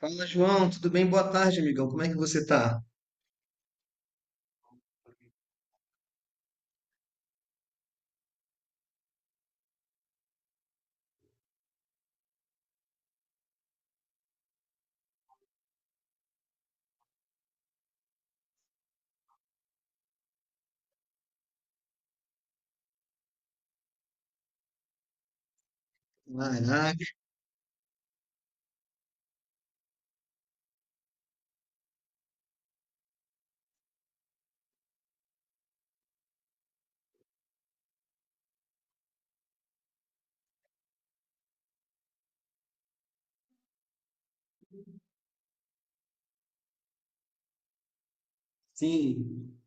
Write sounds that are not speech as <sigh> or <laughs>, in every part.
Fala, João, tudo bem? Boa tarde, amigão. Como é que você tá? Caraca. Sim.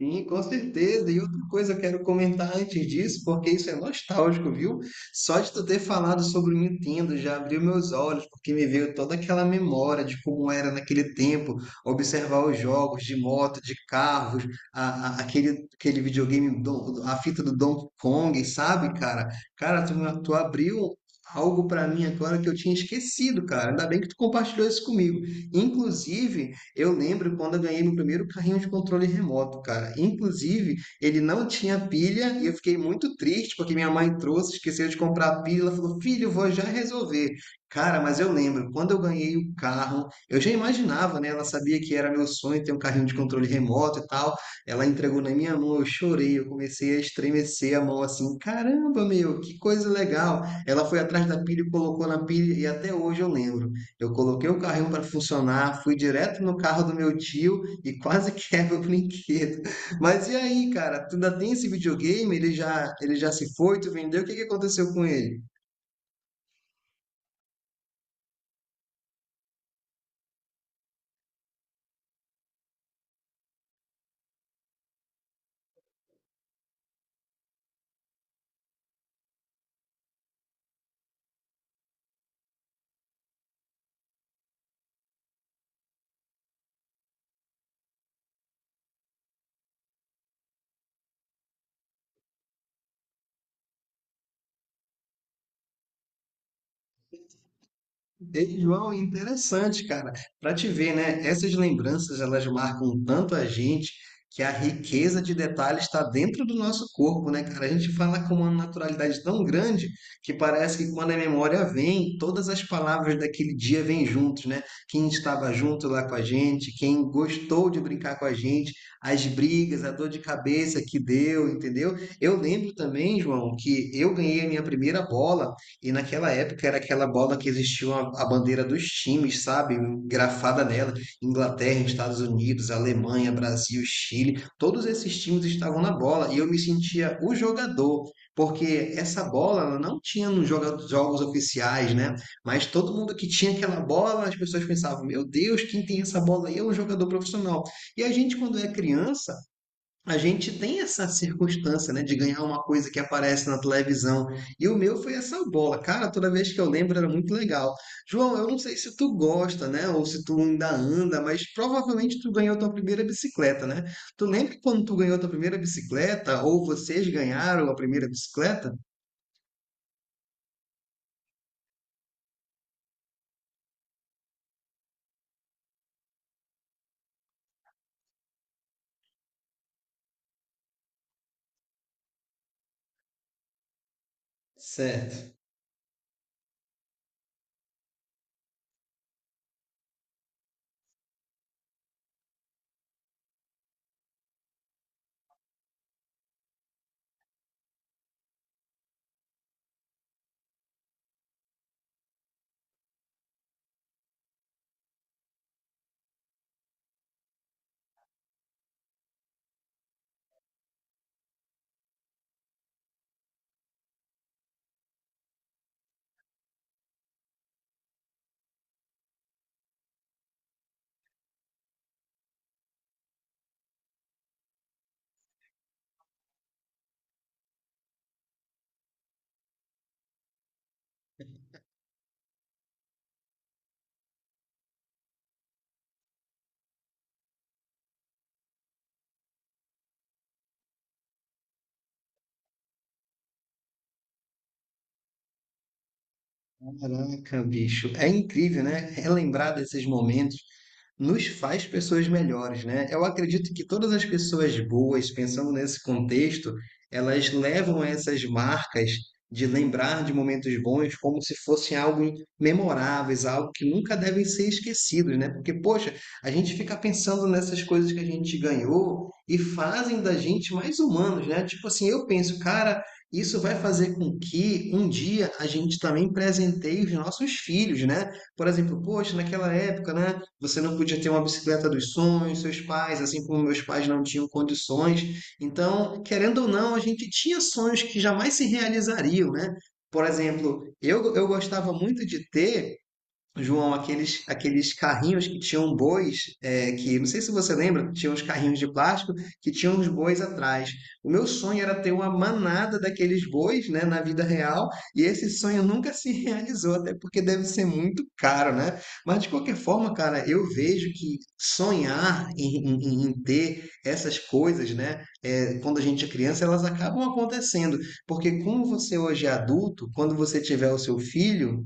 Sim, com certeza. E outra coisa eu quero comentar antes disso, porque isso é nostálgico, viu? Só de tu ter falado sobre o Nintendo já abriu meus olhos, porque me veio toda aquela memória de como era naquele tempo observar os jogos de moto, de carros, aquele videogame, a fita do Donkey Kong, sabe, cara? Cara, tu, tu abriu algo pra mim agora que eu tinha esquecido, cara. Ainda bem que tu compartilhou isso comigo. Inclusive, eu lembro quando eu ganhei meu primeiro carrinho de controle remoto, cara. Inclusive, ele não tinha pilha e eu fiquei muito triste porque minha mãe trouxe, esqueceu de comprar a pilha. Ela falou: filho, eu vou já resolver. Cara, mas eu lembro, quando eu ganhei o carro, eu já imaginava, né? Ela sabia que era meu sonho ter um carrinho de controle remoto e tal. Ela entregou na minha mão, eu chorei, eu comecei a estremecer a mão assim: caramba, meu, que coisa legal. Ela foi atrás da pilha e colocou na pilha, e até hoje eu lembro. Eu coloquei o carrinho para funcionar, fui direto no carro do meu tio e quase <laughs> quebra o brinquedo. Mas e aí, cara? Tu ainda tem esse videogame? Ele já se foi? Tu vendeu? O que que aconteceu com ele? Ei, João, interessante, cara. Para te ver, né? Essas lembranças elas marcam tanto a gente que a riqueza de detalhes está dentro do nosso corpo, né, cara? A gente fala com uma naturalidade tão grande que parece que quando a memória vem, todas as palavras daquele dia vêm juntos, né? Quem estava junto lá com a gente, quem gostou de brincar com a gente, as brigas, a dor de cabeça que deu, entendeu? Eu lembro também, João, que eu ganhei a minha primeira bola. E naquela época era aquela bola que existia uma a bandeira dos times, sabe? Grafada nela. Inglaterra, Estados Unidos, Alemanha, Brasil, Chile. Todos esses times estavam na bola e eu me sentia o jogador. Porque essa bola ela não tinha nos jogos oficiais, né? Mas todo mundo que tinha aquela bola, as pessoas pensavam: meu Deus, quem tem essa bola aí é um jogador profissional. E a gente, quando é criança, a gente tem essa circunstância, né, de ganhar uma coisa que aparece na televisão. E o meu foi essa bola. Cara, toda vez que eu lembro era muito legal. João, eu não sei se tu gosta, né, ou se tu ainda anda, mas provavelmente tu ganhou tua primeira bicicleta, né? Tu lembra quando tu ganhou tua primeira bicicleta ou vocês ganharam a primeira bicicleta? Certo. Caraca, bicho, é incrível, né? Relembrar desses momentos nos faz pessoas melhores, né? Eu acredito que todas as pessoas boas, pensando nesse contexto, elas levam essas marcas de lembrar de momentos bons como se fossem algo memoráveis, algo que nunca devem ser esquecidos, né? Porque, poxa, a gente fica pensando nessas coisas que a gente ganhou e fazem da gente mais humanos, né? Tipo assim, eu penso, cara, isso vai fazer com que um dia a gente também presenteie os nossos filhos, né? Por exemplo, poxa, naquela época, né, você não podia ter uma bicicleta dos sonhos, seus pais, assim como meus pais não tinham condições. Então, querendo ou não, a gente tinha sonhos que jamais se realizariam, né? Por exemplo, eu gostava muito de ter, João, aqueles carrinhos que tinham bois, é, que não sei se você lembra, tinham os carrinhos de plástico que tinham os bois atrás. O meu sonho era ter uma manada daqueles bois, né, na vida real, e esse sonho nunca <laughs> se realizou, até porque deve ser muito caro, né? Mas de qualquer forma, cara, eu vejo que sonhar em ter essas coisas, né, é, quando a gente é criança, elas acabam acontecendo, porque como você hoje é adulto, quando você tiver o seu filho,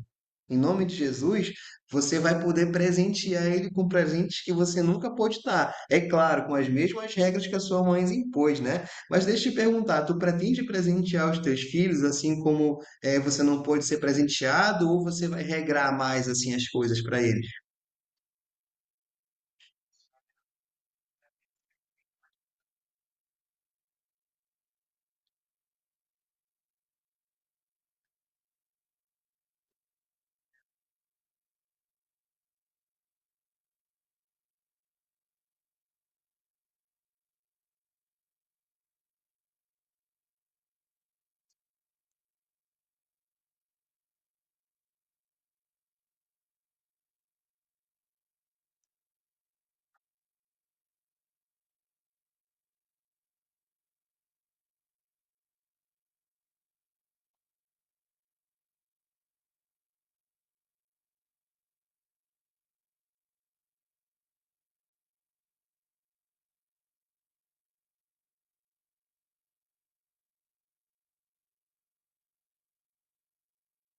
em nome de Jesus, você vai poder presentear ele com presentes que você nunca pôde dar. É claro, com as mesmas regras que a sua mãe impôs, né? Mas deixa eu te perguntar, tu pretende presentear os teus filhos assim como você não pôde ser presenteado, ou você vai regrar mais assim as coisas para eles?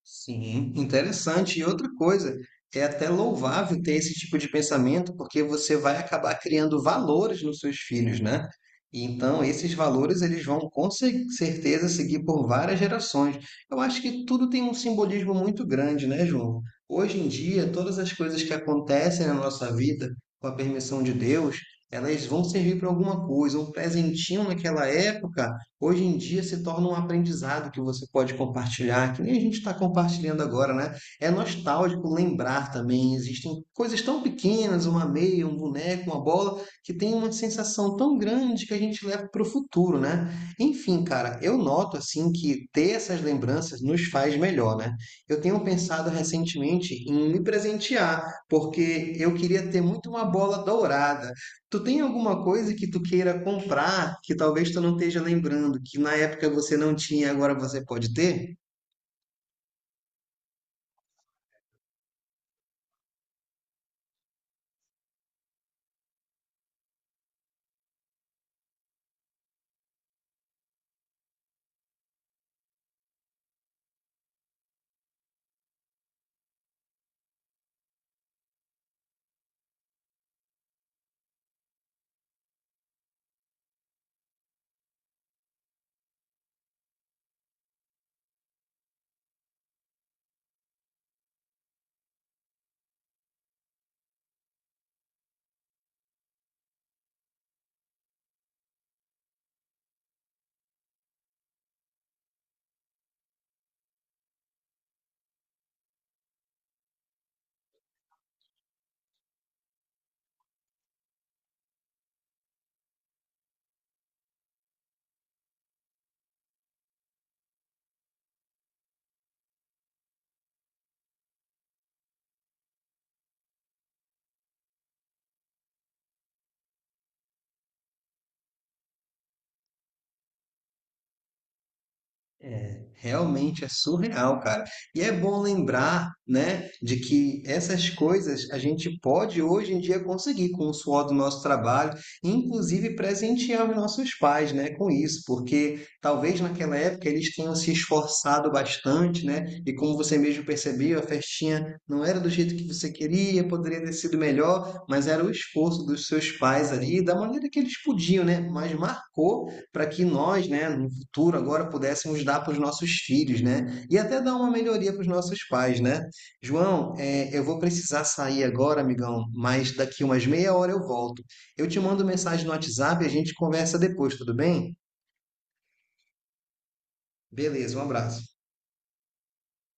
Sim, interessante. E outra coisa, é até louvável ter esse tipo de pensamento, porque você vai acabar criando valores nos seus filhos, né? E então, esses valores eles vão com certeza seguir por várias gerações. Eu acho que tudo tem um simbolismo muito grande, né, João? Hoje em dia, todas as coisas que acontecem na nossa vida, com a permissão de Deus, elas vão servir para alguma coisa. Um presentinho naquela época hoje em dia se torna um aprendizado que você pode compartilhar, que nem a gente está compartilhando agora, né? É nostálgico lembrar também. Existem coisas tão pequenas, uma meia, um boneco, uma bola, que tem uma sensação tão grande que a gente leva para o futuro, né? Enfim, cara, eu noto assim que ter essas lembranças nos faz melhor, né? Eu tenho pensado recentemente em me presentear, porque eu queria ter muito uma bola dourada. Tu tem alguma coisa que tu queira comprar que talvez tu não esteja lembrando, que na época você não tinha, agora você pode ter? É, realmente é surreal, cara. E é bom lembrar, né, de que essas coisas a gente pode hoje em dia conseguir com o suor do nosso trabalho, inclusive presentear os nossos pais, né, com isso, porque talvez naquela época eles tenham se esforçado bastante, né, e como você mesmo percebeu, a festinha não era do jeito que você queria, poderia ter sido melhor, mas era o esforço dos seus pais ali, da maneira que eles podiam, né, mas marcou para que nós, né, no futuro agora pudéssemos dar para os nossos filhos, né? E até dar uma melhoria para os nossos pais, né? João, é, eu vou precisar sair agora, amigão, mas daqui umas meia hora eu volto. Eu te mando mensagem no WhatsApp e a gente conversa depois, tudo bem? Beleza, um abraço.